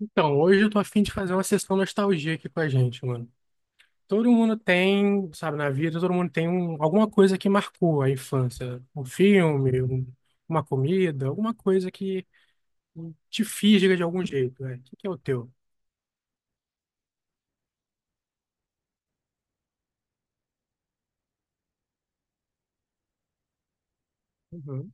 Então, hoje eu tô a fim de fazer uma sessão nostalgia aqui com a gente, mano. Todo mundo tem, sabe, na vida, todo mundo tem alguma coisa que marcou a infância. Um filme, uma comida, alguma coisa que te fisga de algum jeito, né? O que que é o teu? Uhum.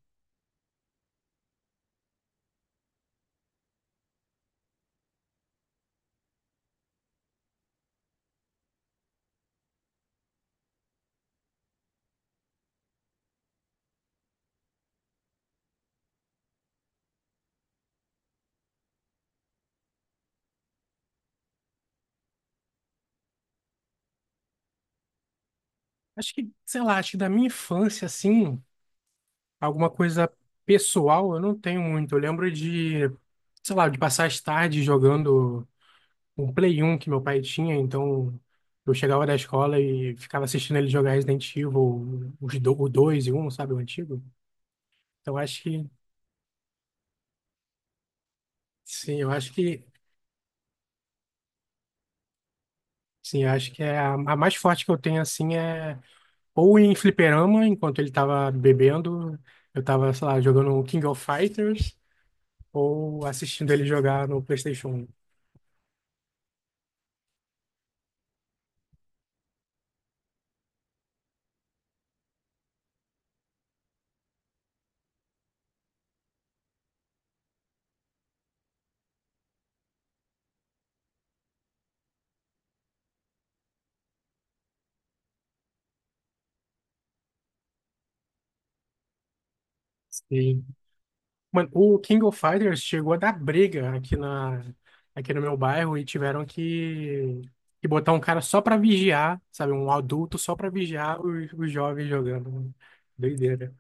Acho que, sei lá, acho que da minha infância, assim, alguma coisa pessoal eu não tenho muito. Eu lembro de, sei lá, de passar as tardes jogando. Um Play 1 que meu pai tinha, então eu chegava da escola e ficava assistindo ele jogar Resident Evil, o 2 e um, sabe, o antigo. Então acho que, sim, eu acho que, sim, eu acho que é a mais forte que eu tenho, assim, é ou em fliperama, enquanto ele tava bebendo, eu tava, sei lá, jogando King of Fighters, ou assistindo ele jogar no PlayStation. Sim. Mano, o King of Fighters chegou a dar briga aqui no meu bairro e tiveram que botar um cara só pra vigiar, sabe? Um adulto só pra vigiar os jovens jogando, né? Doideira.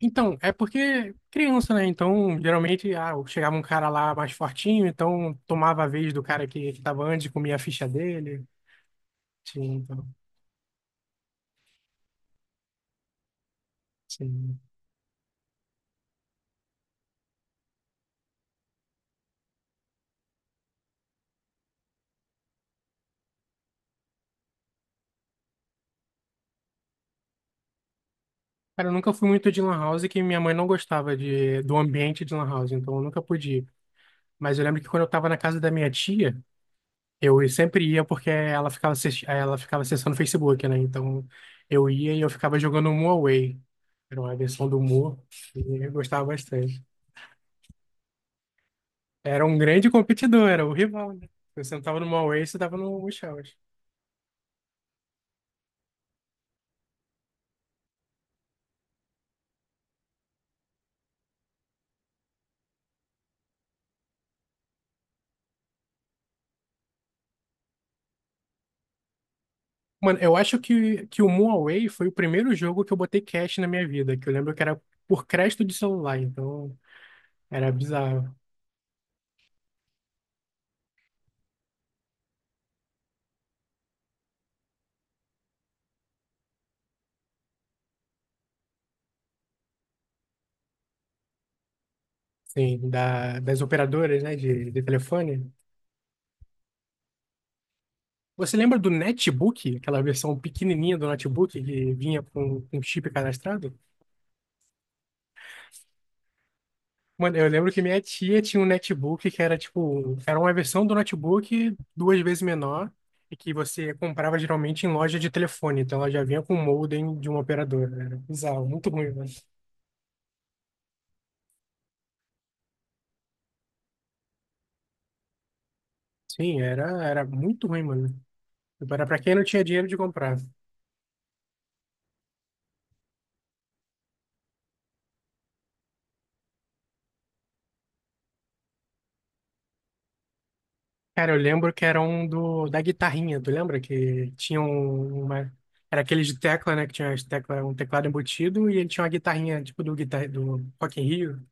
Então, é porque criança, né? Então, geralmente, chegava um cara lá mais fortinho, então tomava a vez do cara que tava antes, comia a ficha dele. Sim, então, sim. Cara, eu nunca fui muito de lan house, que minha mãe não gostava do ambiente de lan house, então eu nunca podia. Mas eu lembro que, quando eu tava na casa da minha tia, Eu sempre ia porque ela ficava, assisti- ela ficava acessando o Facebook, né? Então eu ia e eu ficava jogando Mu Away. Era uma versão do Mu e eu gostava bastante. Era um grande competidor, era o rival, né? Você não tava no Mu Away, você tava no Shells. Mano, eu acho que o Mu Away foi o primeiro jogo que eu botei cash na minha vida, que eu lembro que era por crédito de celular, então era bizarro. Sim, das operadoras, né, de telefone. Você lembra do Netbook, aquela versão pequenininha do notebook que vinha com um chip cadastrado? Mano, eu lembro que minha tia tinha um netbook que era tipo, era uma versão do notebook duas vezes menor e que você comprava geralmente em loja de telefone, então ela já vinha com o modem de uma operadora. Era bizarro, muito ruim, mano. Sim, era muito ruim, mano. Era pra quem não tinha dinheiro de comprar. Cara, eu lembro que era um da guitarrinha, tu lembra? Que tinha uma. Era aquele de tecla, né? Que tinha as tecla, um teclado embutido e ele tinha uma guitarrinha, tipo do, guitar, do Rock in Rio.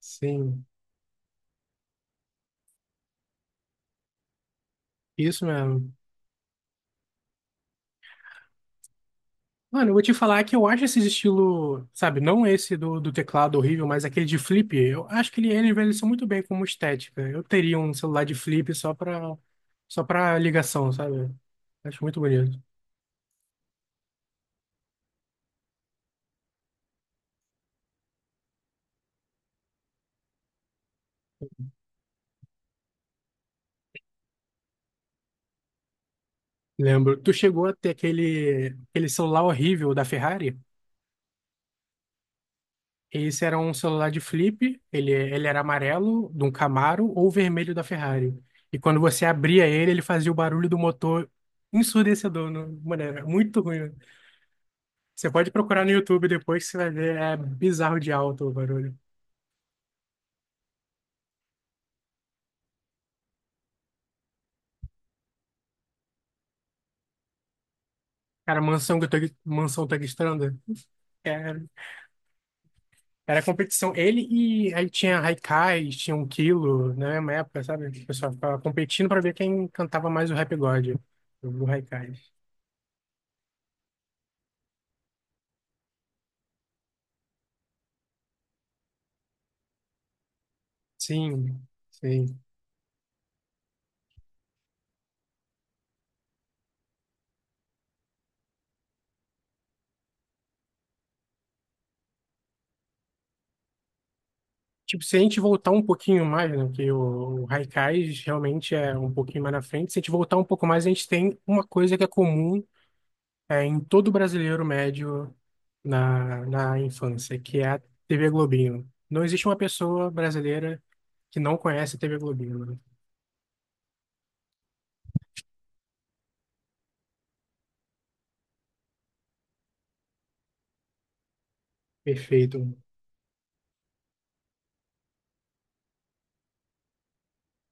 Sim, isso mesmo. Mano, eu vou te falar que eu acho esse estilo, sabe, não esse do teclado horrível, mas aquele de flip, eu acho que ele envelheceu muito bem como estética. Eu teria um celular de flip só pra ligação, sabe? Acho muito bonito. Lembro. Tu chegou a ter aquele celular horrível da Ferrari? Esse era um celular de flip, ele era amarelo, de um Camaro, ou vermelho da Ferrari. E quando você abria ele, ele fazia o barulho do motor ensurdecedor. Mano, era muito ruim. Você pode procurar no YouTube depois que você vai ver, é bizarro de alto o barulho. Cara, Mansão, Mansão Tagstranda, era, era competição. Ele E aí tinha Haikai, tinha um Kilo, na mesma época, sabe? O pessoal ficava competindo pra ver quem cantava mais o Rap God, o Haikai. Sim, sim. Tipo, se a gente voltar um pouquinho mais, né? Porque o Haikais realmente é um pouquinho mais na frente. Se a gente voltar um pouco mais, a gente tem uma coisa que é comum em todo brasileiro médio na infância, que é a TV Globinho. Não existe uma pessoa brasileira que não conhece a TV Globinho, né? Perfeito.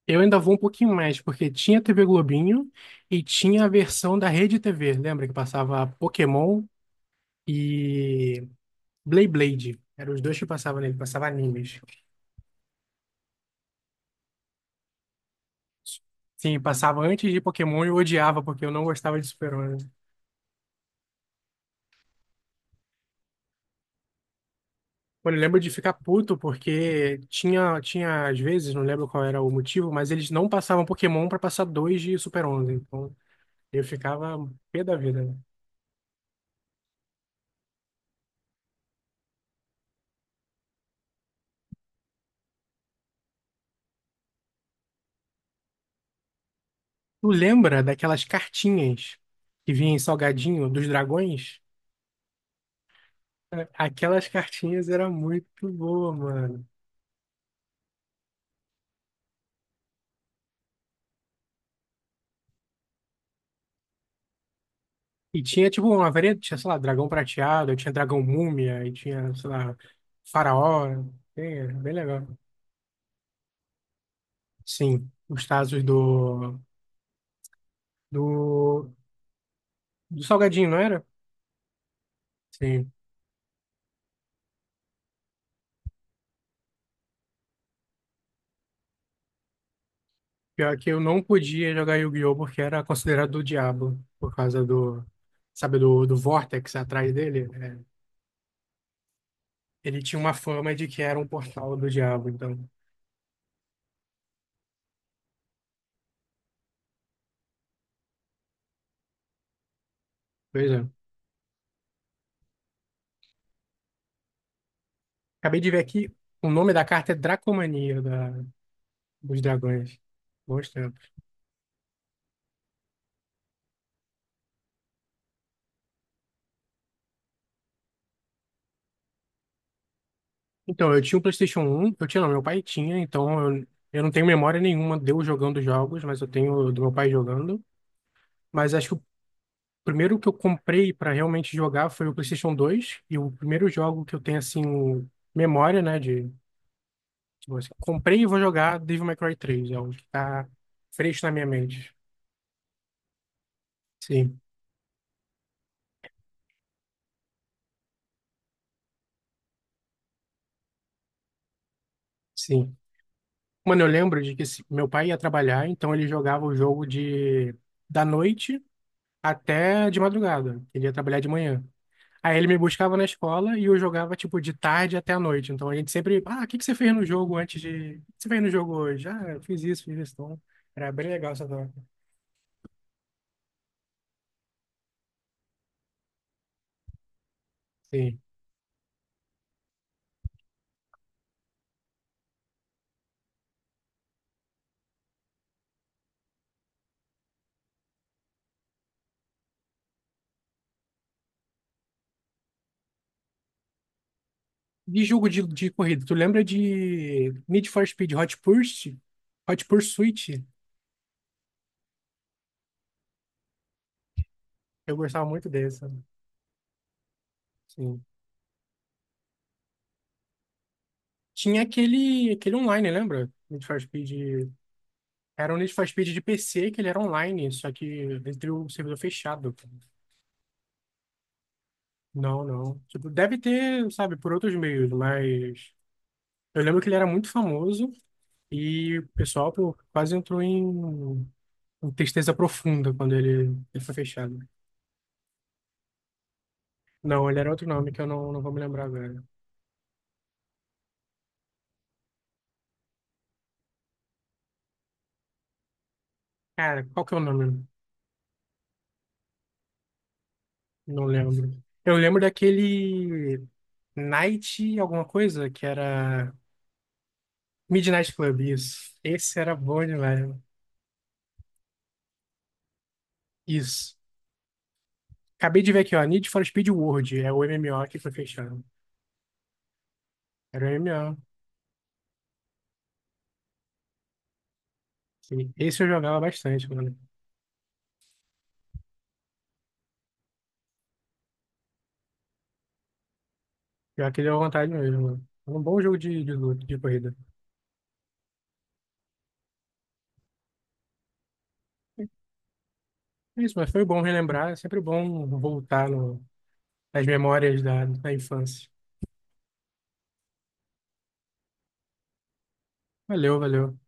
Eu ainda vou um pouquinho mais, porque tinha a TV Globinho e tinha a versão da Rede TV. Lembra que passava Pokémon e Blade Blade? Eram os dois que passavam nele, passava animes. Sim, passava antes de Pokémon e eu odiava porque eu não gostava de Super-Homem. Mano, eu lembro de ficar puto porque tinha às vezes, não lembro qual era o motivo, mas eles não passavam Pokémon pra passar dois de Super-11. Então eu ficava pé da vida, né? Tu lembra daquelas cartinhas que vinha em salgadinho dos dragões? É, aquelas cartinhas era muito boa, mano. E tinha tipo uma variedade, tinha, sei lá, dragão prateado, tinha dragão múmia, e tinha, sei lá, faraó. É, bem legal. Sim, os Tazos do, do Salgadinho, não era? Sim. Pior que eu não podia jogar Yu-Gi-Oh! Porque era considerado do diabo, por causa do, sabe, do Vortex atrás dele. É, ele tinha uma fama de que era um portal do diabo, então. Pois é. Acabei de ver aqui, o nome da carta é Dracomania, dos dragões. Bons tempos. Então, eu tinha um PlayStation 1 eu tinha, não, meu pai tinha, então eu não tenho memória nenhuma de eu jogando jogos, mas eu tenho do meu pai jogando. Mas acho que o primeiro que eu comprei para realmente jogar foi o PlayStation 2 e o primeiro jogo que eu tenho, assim, memória, né, de, tipo assim, comprei e vou jogar Devil May Cry 3 é o que tá fresco na minha mente. Sim, sim. Mano, eu lembro de que meu pai ia trabalhar, então ele jogava o jogo de da noite até de madrugada. Ele ia trabalhar de manhã. Aí ele me buscava na escola e eu jogava, tipo, de tarde até a noite. Então a gente sempre, o que que você fez no jogo antes de. O que você fez no jogo hoje? Ah, eu fiz isso, fiz isso. Então, era bem legal essa troca. Sim. De jogo de corrida, tu lembra de Need for Speed Hot Pursuit? Hot Pursuit? Eu gostava muito dessa. Sim. Tinha aquele online, lembra? Need for Speed. Era um Need for Speed de PC, que ele era online, só que entre o servidor fechado. Não, não. Tipo, deve ter, sabe, por outros meios, mas eu lembro que ele era muito famoso e o pessoal pô, quase entrou em tristeza profunda quando ele foi fechado. Não, ele era outro nome que eu não vou me lembrar agora. Cara, qual que é o nome? Não lembro. Eu lembro daquele Night alguma coisa que era Midnight Club, isso. Esse era bom demais. Isso. Acabei de ver aqui, ó, Need for Speed World, é o MMO que foi fechado. Era o MMO. Sim. Esse eu jogava bastante, mano. Pior que deu vontade mesmo, mano. É um bom jogo de luta, de corrida. É isso, mas foi bom relembrar. É sempre bom voltar no, nas memórias da infância. Valeu, valeu.